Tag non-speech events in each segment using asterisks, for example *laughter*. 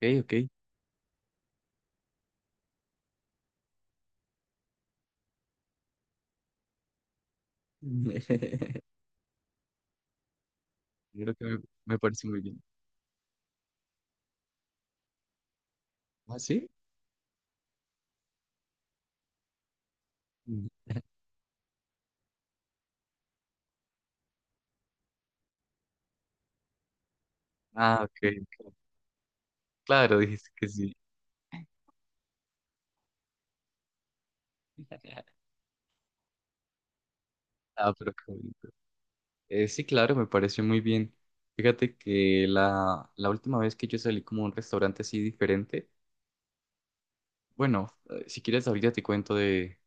Ok. Ok. *laughs* Creo me parece muy bien. ¿Ah, sí? Mm. Ah, ok. Ok. Claro, dijiste que sí. Ah, pero qué bonito. Sí, claro, me pareció muy bien. Fíjate que la última vez que yo salí como a un restaurante así diferente, bueno, si quieres ahorita te cuento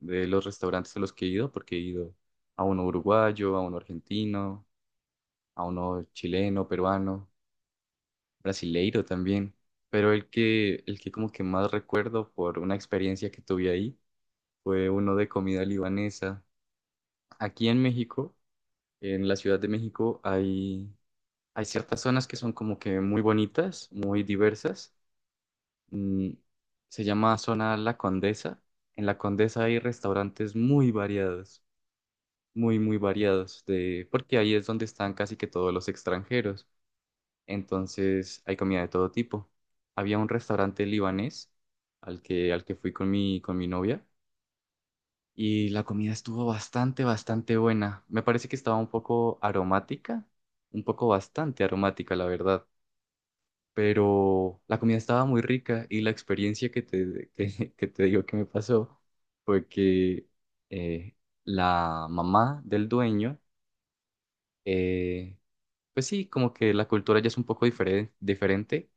de los restaurantes a los que he ido, porque he ido a uno uruguayo, a uno argentino, a uno chileno, peruano. Brasileiro también, pero el que como que más recuerdo por una experiencia que tuve ahí fue uno de comida libanesa. Aquí en México, en la Ciudad de México, hay ciertas zonas que son como que muy bonitas, muy diversas. Mm, se llama zona La Condesa. En La Condesa hay restaurantes muy variados, muy variados, porque ahí es donde están casi que todos los extranjeros. Entonces hay comida de todo tipo. Había un restaurante libanés al que fui con con mi novia y la comida estuvo bastante buena. Me parece que estaba un poco aromática, un poco bastante aromática, la verdad. Pero la comida estaba muy rica y la experiencia *laughs* que te digo que me pasó fue que eh, la mamá del dueño, eh, pues sí, como que la cultura ya es un poco diferente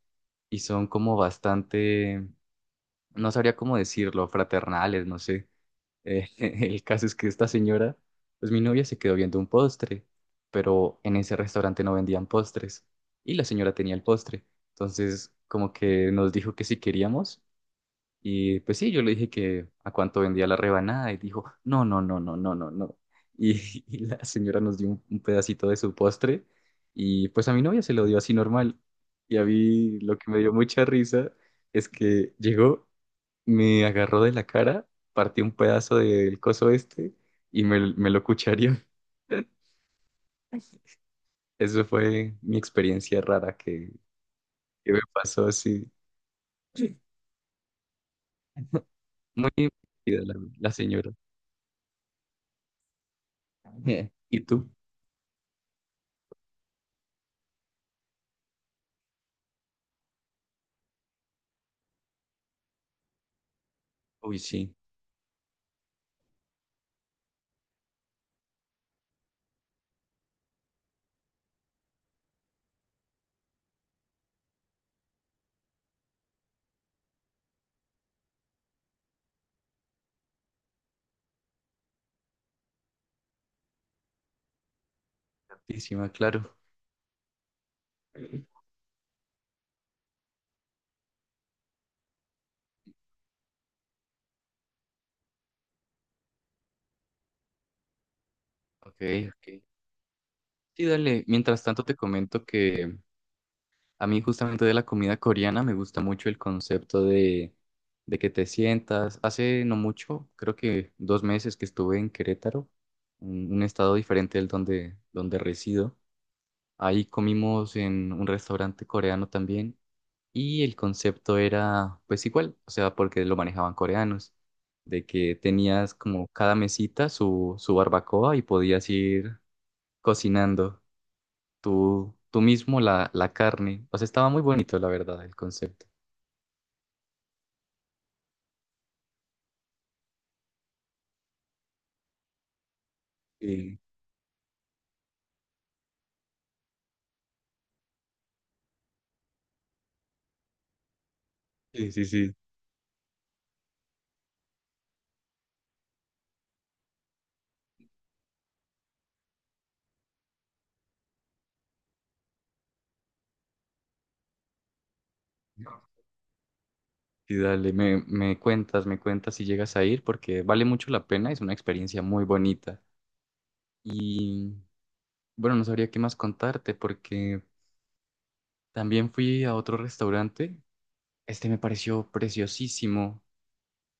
y son como bastante, no sabría cómo decirlo, fraternales, no sé. *laughs* El caso es que esta señora, pues mi novia se quedó viendo un postre, pero en ese restaurante no vendían postres y la señora tenía el postre. Entonces, como que nos dijo que si queríamos y pues sí, yo le dije que a cuánto vendía la rebanada y dijo, no, no, no, no, no, no, no. Y, *laughs* y la señora nos dio un pedacito de su postre y pues a mi novia se lo dio así normal. Y a mí lo que me dio mucha risa es que llegó, me agarró de la cara, partió un pedazo del coso este me lo cuchareó. *laughs* Eso fue mi experiencia rara que me pasó así, muy divertida la señora. *laughs* ¿Y tú? Uy, sí. Encima, claro. Ok, ok. Sí, dale. Mientras tanto te comento que a mí justamente de la comida coreana me gusta mucho el concepto de que te sientas. Hace no mucho, creo que dos meses que estuve en Querétaro, un estado diferente del donde resido. Ahí comimos en un restaurante coreano también y el concepto era pues igual, o sea, porque lo manejaban coreanos, de que tenías como cada mesita su barbacoa y podías ir cocinando tú mismo la carne. O sea, estaba muy bonito, la verdad, el concepto. Sí, sí, sí, sí. Y dale, me cuentas si llegas a ir porque vale mucho la pena, es una experiencia muy bonita. Y bueno, no sabría qué más contarte porque también fui a otro restaurante. Este me pareció preciosísimo.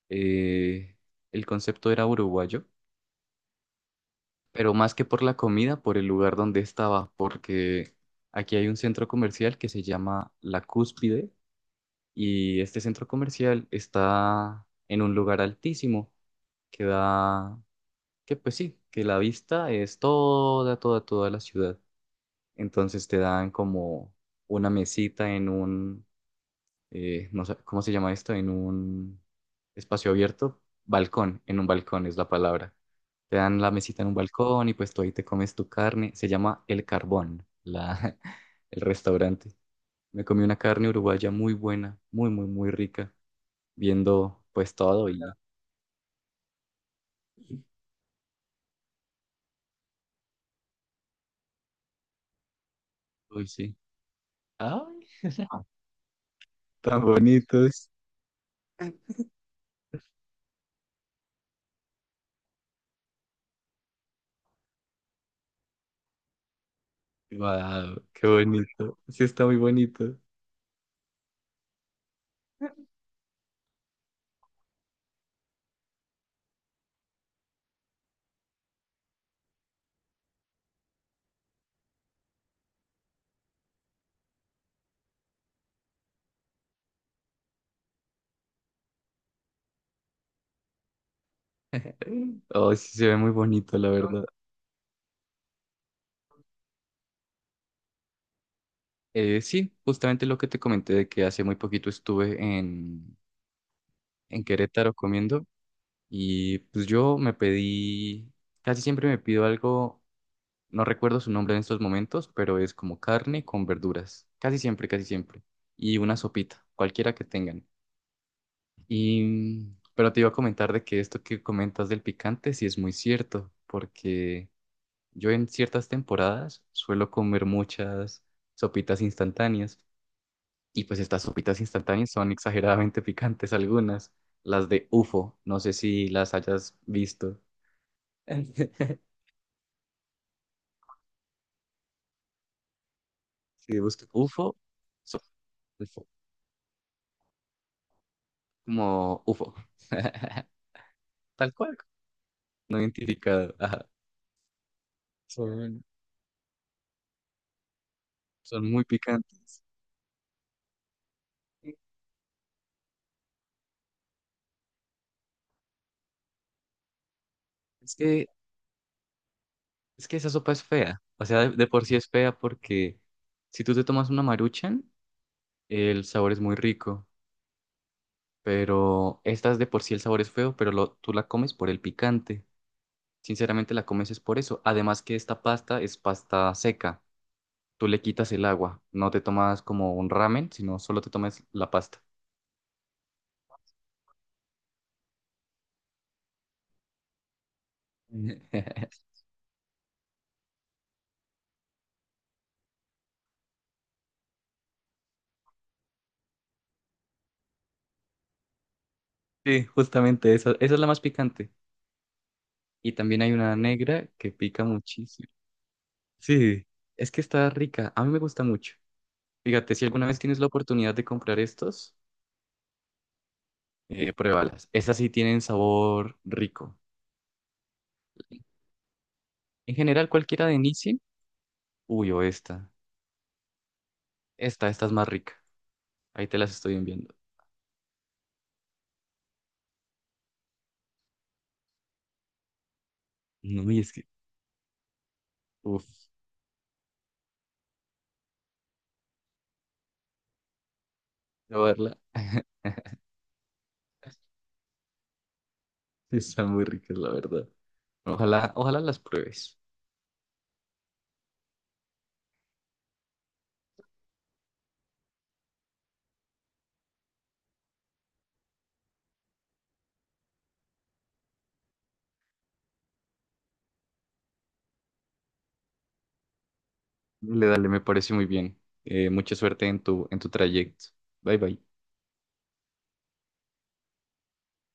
Eh, el concepto era uruguayo, pero más que por la comida, por el lugar donde estaba, porque aquí hay un centro comercial que se llama La Cúspide y este centro comercial está en un lugar altísimo que da, que pues sí, que la vista es toda, toda, toda la ciudad. Entonces te dan como una mesita en un no sé cómo se llama esto, en un espacio abierto, balcón, en un balcón es la palabra. Te dan la mesita en un balcón y pues tú ahí te comes tu carne. Se llama El Carbón, la, *laughs* el restaurante. Me comí una carne uruguaya muy buena, muy, muy, muy rica, viendo pues todo y... Uy, sí. ¡Ay, tan bonitos! *laughs* ¡Wow! ¡Qué bonito! Sí, está muy bonito. Oh, sí, se ve muy bonito, la verdad. Sí, justamente lo que te comenté de que hace muy poquito estuve en Querétaro comiendo y pues yo me pedí, casi siempre me pido algo, no recuerdo su nombre en estos momentos, pero es como carne con verduras, casi siempre, y una sopita, cualquiera que tengan. Y, pero te iba a comentar de que esto que comentas del picante sí es muy cierto, porque yo en ciertas temporadas suelo comer muchas sopitas instantáneas. Y pues estas sopitas instantáneas son exageradamente *laughs* picantes algunas. Las de UFO, no sé si las hayas visto. *laughs* Si buscas UFO, so- UFO, como UFO. *laughs* Tal cual, no identificado. Ajá. Son, son muy picantes. Es que, es que esa sopa es fea. O sea, de por sí es fea porque si tú te tomas una Maruchan, el sabor es muy rico. Pero estas de por sí el sabor es feo, pero tú la comes por el picante. Sinceramente la comes es por eso. Además que esta pasta es pasta seca. Tú le quitas el agua. No te tomas como un ramen, sino solo te tomas la pasta. *laughs* Sí, justamente esa, esa es la más picante. Y también hay una negra que pica muchísimo. Sí, es que está rica. A mí me gusta mucho. Fíjate, si alguna vez tienes la oportunidad de comprar estos, pruébalas. Esas sí tienen sabor rico. En general, cualquiera de Nissin, uy, o esta. Esta es más rica. Ahí te las estoy enviando. No, y es que Uf, probarla. *laughs* Están muy ricas, la verdad. Ojalá, ojalá las pruebes. Dale, dale, me parece muy bien. Mucha suerte en en tu trayecto. Bye, bye.